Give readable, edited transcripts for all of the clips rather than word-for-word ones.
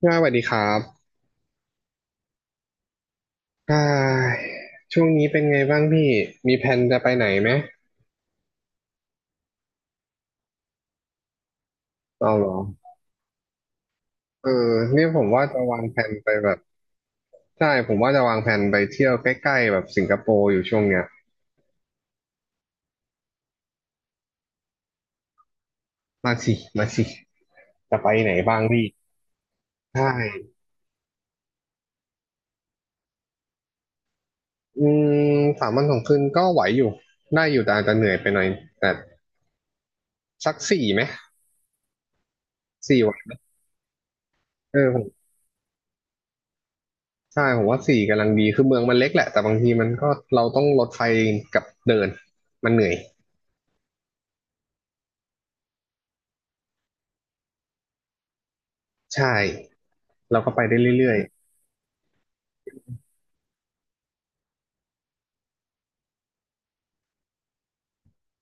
ค่ะสวัสดีครับอ่าช่วงนี้เป็นไงบ้างพี่ มีแผนจะไปไหนไหมเอาเหรอเออเนี่ยผมว่าจะวางแผนไปแบบใช่ผมว่าจะวางแผนไปเที่ยวใกล้ๆแบบสิงคโปร์อยู่ช่วงเนี้ยมาสิ มาสิ จะไปไหนบ้างพี่ ใช่อืม3 วัน 2 คืนก็ไหวอยู่ได้อยู่แต่อาจจะเหนื่อยไปหน่อยแต่สักสี่ไหม4 วันเออผมใช่ผมว่าสี่กำลังดี คือเมืองมันเล็กแหละ แต่บางทีมันก็เราต้องรถไฟกับเดิน มันเหนื่อย ใช่ เราก็ไปได้เรื่อย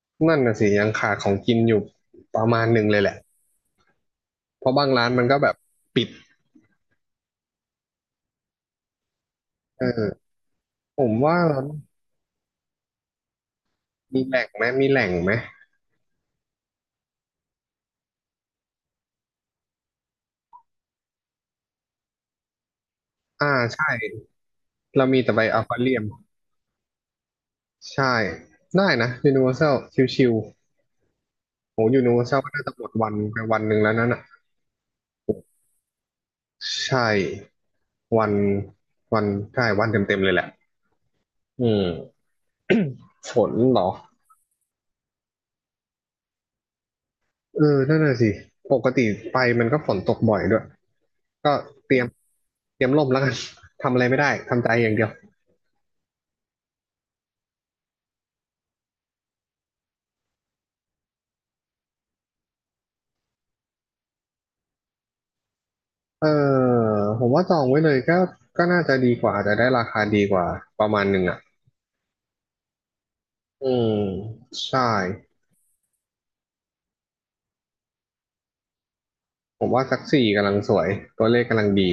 ๆนั่นน่ะสิยังขาดของกินอยู่ประมาณหนึ่งเลยแหละเพราะบางร้านมันก็แบบปิดเออผมว่ามีแหล่งไหมมีแหล่งไหมใช่เรามีแต่ไปอควาเรียมใช่ได้นะยูนิเวอร์ซชิวๆโหยูนิเวอร์ซลก็น่าจะหมดวันไปวันหนึ่งแล้วนั่นอ่ะใช่วันวันใช่วันเต็มๆเลยแหละอืม ฝนเหรอเออนั่นน่ะสิปกติไปมันก็ฝนตกบ่อยด้วย ก็เตรียมเตรียมล่มแล้วกัน ทำอะไรไม่ได้ทำใจอย่างเดียวเออผมว่าจองไว้เลยก็ก็น่าจะดีกว่าอาจจะได้ราคาดีกว่าประมาณหนึ่งอ่ะอืมใช่ผมว่าซักสี่กำลังสวยตัวเลขกำลังดี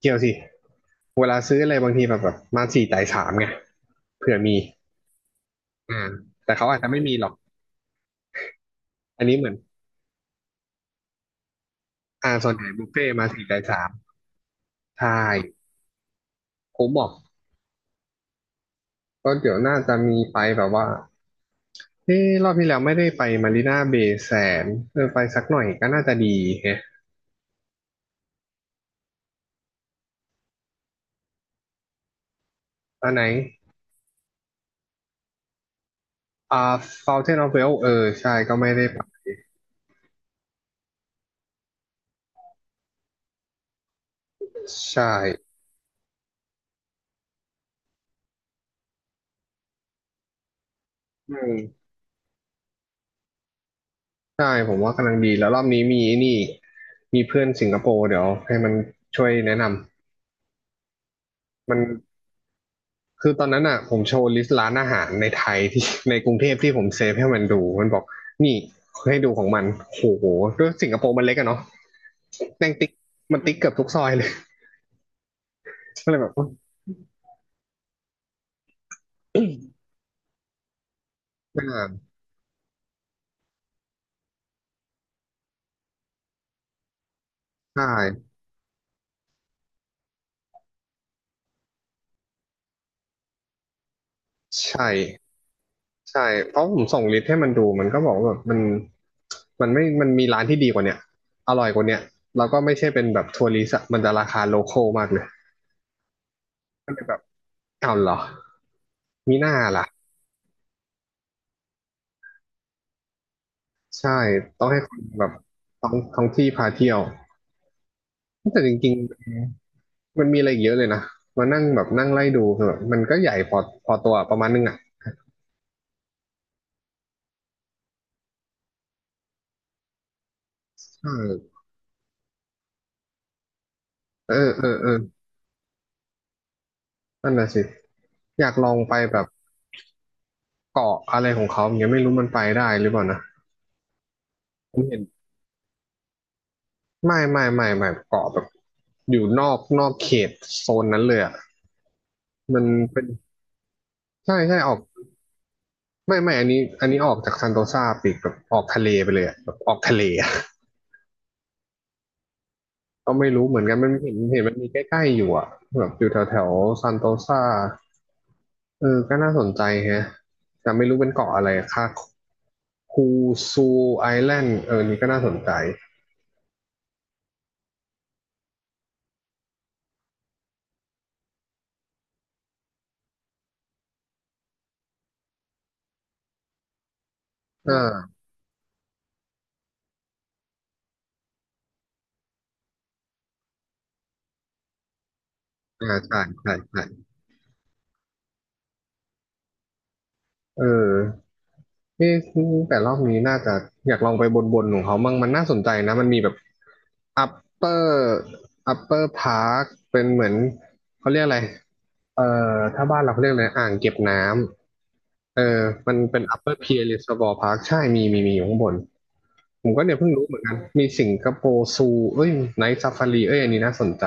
เกี่ยวสิเวลาซื้ออะไรบางทีแบบมาสี่จ่ายสามไงเผื่อมีอ่าแต่เขาอาจจะไม่มีหรอกอันนี้เหมือนส่วนใหญ่บุฟเฟ่ต์มาสี่จ่ายสามใช่ผมบอกก็เดี๋ยวน่าจะมีไปแบบว่า เอ้รอบที่แล้วไม่ได้ไปมารีนาเบย์แซนเออไปสักหน่อยก็น่าจะดีแฮะอันไหนอ่า Fountain of Wealth เออใช่ก็ไม่ได้ไปใช่อืมใช่ผมว่ากำลังดีแล้วรอบนี้มีนี่มีเพื่อนสิงคโปร์เดี๋ยวให้มันช่วยแนะนำ มันคือตอนนั้นอ่ะผมโชว์ลิสต์ร้านอาหารในไทยที่ ในกรุงเทพที่ผมเซฟให้มันดู มันบอกนี่ให้ดูของมันโอ้โหด้วยสิงคโปร์มันเล็กอะเนาะแม่งติ๊กมันติ๊กเกือบทุกซอยเลย ก็เลยแบบอุ๊ยไม่นานใช่ ใช่ใช่เพราะผมส่งลิสต์ให้มันดูมันก็บอกว่าแบบมันมันไม่มันมีร้านที่ดีกว่าเนี้ยอร่อยกว่าเนี้ยแล้วก็ไม่ใช่เป็นแบบทัวริสต์อะมันจะราคาโลคอลมากเลยก็เลยแบบอ้าวเหรอมีหน้าล่ะใช่ต้องให้คนแบบท้องท้องที่พาเที่ยวแต่จริงๆมันมีอะไรอีกเยอะเลยนะมานั่งแบบนั่งไล่ดูคือแบบมันก็ใหญ่พอตัวประมาณนึงอ่ะเออเออเออเออนั่นน่ะสิอยากลองไปแบบเกาะอะไรของเขาอย่างเงี้ยไม่รู้มันไปได้หรือเปล่านะผมเห็น ไม่เกาะแบบอยู่นอกเขตโซนนั้นเลยอ่ะมันเป็นใช่ใช่ออกไม่อันนี้ออกจากซันโตซาปอีกแบบออกทะเลไปเลยอะแบบออกทะเลอะ ก็ไม่รู้เหมือนกันมันเห็นมันมีใกล้ๆอยู่อ่ะแบบอยู่แถวแถวซันโตซาเออก็น่าสนใจแฮะแต่ไม่รู้เป็นเกาะอะไรอะค่ะคูซูไอแลนด์เออนี่ก็น่าสนใจอ่าอ่าใช่ใช่ใช่เออ เอ๊ะแต่รอบนี้น่าจะอยากลองไปบนบนของเขามั่งมันน่าสนใจนะมันมีแบบ upper upper park เป็นเหมือนเขาเรียกอะไรเอ่ถ้าบ้านเราเขาเรียกอะไรอ่างเก็บน้ำเออมันเป็น upper pier reservoir park ใช่มีมีมีอยู่ข้างบนผมก็เนี่ยเพิ่งรู้เหมือนกันมีสิงคโปร์ซูเอ้ยไนท์ซาฟารีเอ้ยอันนี้น่าสนใจ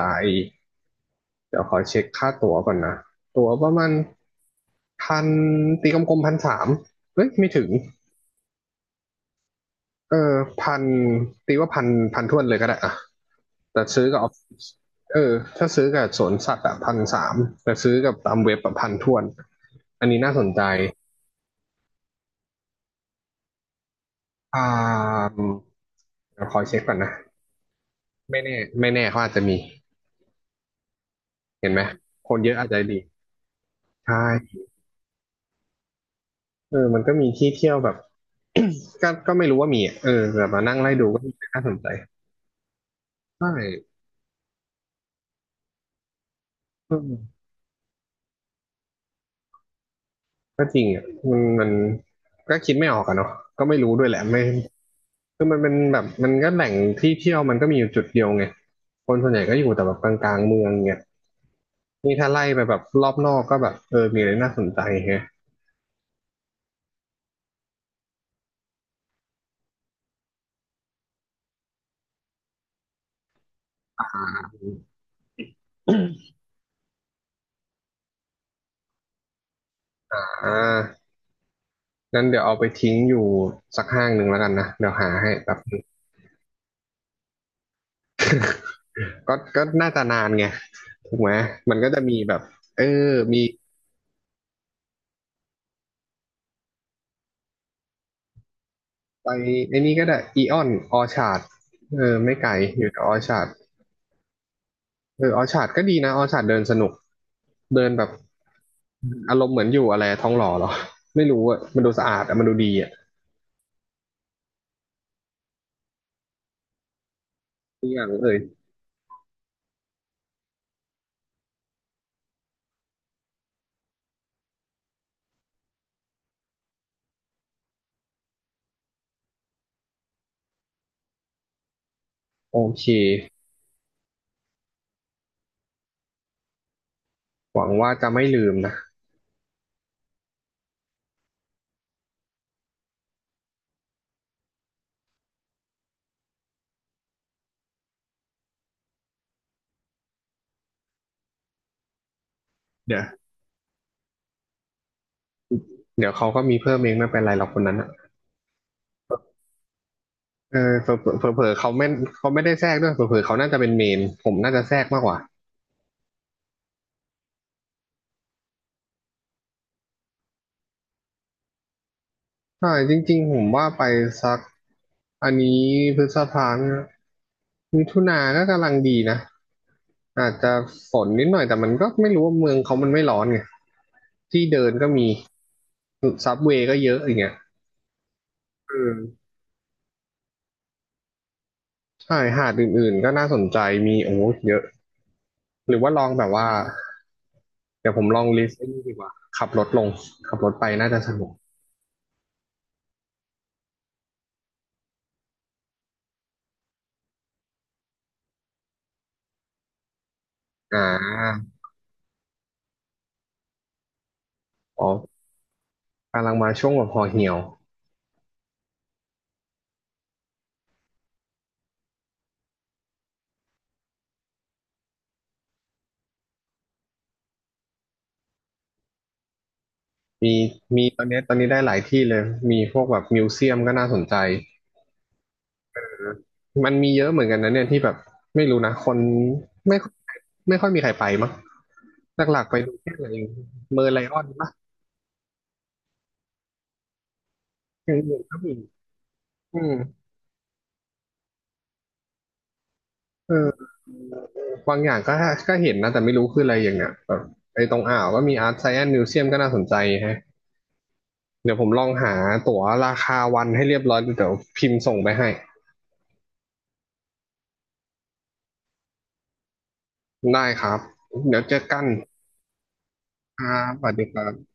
เดี๋ยวขอเช็คค่าตั๋วก่อนนะตั๋วประมาณพันตีกลมๆพันสามเอ้ยไม่ถึง เออพันตีว่าพันพันท้วนเลยก็ได้อะแต่ซื้อกับ Office เออถ้าซื้อกับสวนสัตว์อะพันสามแต่ซื้อกับตามเว็บอะพันท้วนอันนี้น่าสนใจอ่าเดี๋ยวคอยเช็คก่อนนะไม่แน่ไม่แน่เขาอาจจะมีเห็นไหมคนเยอะอาจจะดีใช่เออมันก็มีที่เที่ยวแบบ ก็ไม่รู้ว่ามีอะเออแบบมานั่งไล่ดูก็น่าสนใจใช่อืมก็จริงอ่ะมันก็คิดไม่ออกอะเนาะก็ไม่รู้ด้วยแหละไม่ คือมันเป็นแบบมันก็แหล่งที่เที่ยวมันก็มีอยู่จุดเดียวไงคนส่วนใหญ่ก็อยู่แต่แบบกลางๆเมืองไงนี่ถ้าไล่ไปแบบรอบนอกก็แบบมีอะไรน่าสนใจแฮะอ่างั้นเดี๋ยวเอาไปทิ้งอยู่สักห้างหนึ่งแล้วกันนะเดี๋ยวหาให้แบบก็น่าจะนานไงถูกไหมมันก็จะมีแบบเออมีไปไอ้นี่ก็ได้อีออนออชาร์ดไม่ไกลอยู่แต่ออชาร์ดออชาร์ดก็ดีนะออชาร์ดเดินสนุกเดินแบบ อารมณ์เหมือนอยู่อะไรท้องหล่อหรอ ไม่รู้อะมันดูสะอาดอะมันดูดีอะทุกอย่างเลยโอเคหวังว่าจะไม่ลืมนะเดี๋ยวเดี๋ยวเขาก็มีเพิ่มเองไม่เป็นไรหรอกคนนั้นอะเผลอเผลอเขาไม่เขาไม่ได้แทรกด้วยเผลอเผลอเขาน่าจะเป็นเมนผมน่าจะแทรกมากกว่าใช่จริงๆผมว่าไปสักอันนี้พฤษภานมมิถุนาก็กำลังดีนะอาจจะฝนนิดหน่อยแต่มันก็ไม่รู้ว่าเมืองเขามันไม่ร้อนไงที่เดินก็มีซับเวย์ก็เยอะอย่างเงี้ย อืมใช่หาดอื่นๆก็น่าสนใจมีโอ้โหเยอะหรือว่าลองแบบว่าเดี๋ยวผมลองลิสต์ไอ้นี่ดีกว่าขับรถลงขับรถไปน่าจะสนุกอ่าอ๋อกำลังมาช่วงแบบพอเหี่ยวมีมีตอนเนี้ยตอนนี้ได้หลายที่เลยมีพวกแบบมิวเซียมก็น่าสนใจมันมีเยอะเหมือนกันนะเนี่ยที่แบบไม่รู้นะคนไม่ค่อยไม่ค่อยมีใครไปมั้งหลักๆไปดูแค่อะไรเมอร์ไลออนปะอย่างอื่นก็มีอืมเออ บางอย่างก็ก็เห็นนะ แต่ไม่รู้คืออะไรอย่างเงี้ยแบบไอ้ตรงอ่าวก็มีอาร์ตไซแอนซ์มิวเซียมก็น่าสนใจฮะเดี๋ยวผมลองหาตั๋วราคาวันให้เรียบร้อย เดี๋ยวพิมพ์ส่งไปให้ ได้ครับ เดี๋ยวเจอกันครับสวัสดีครับ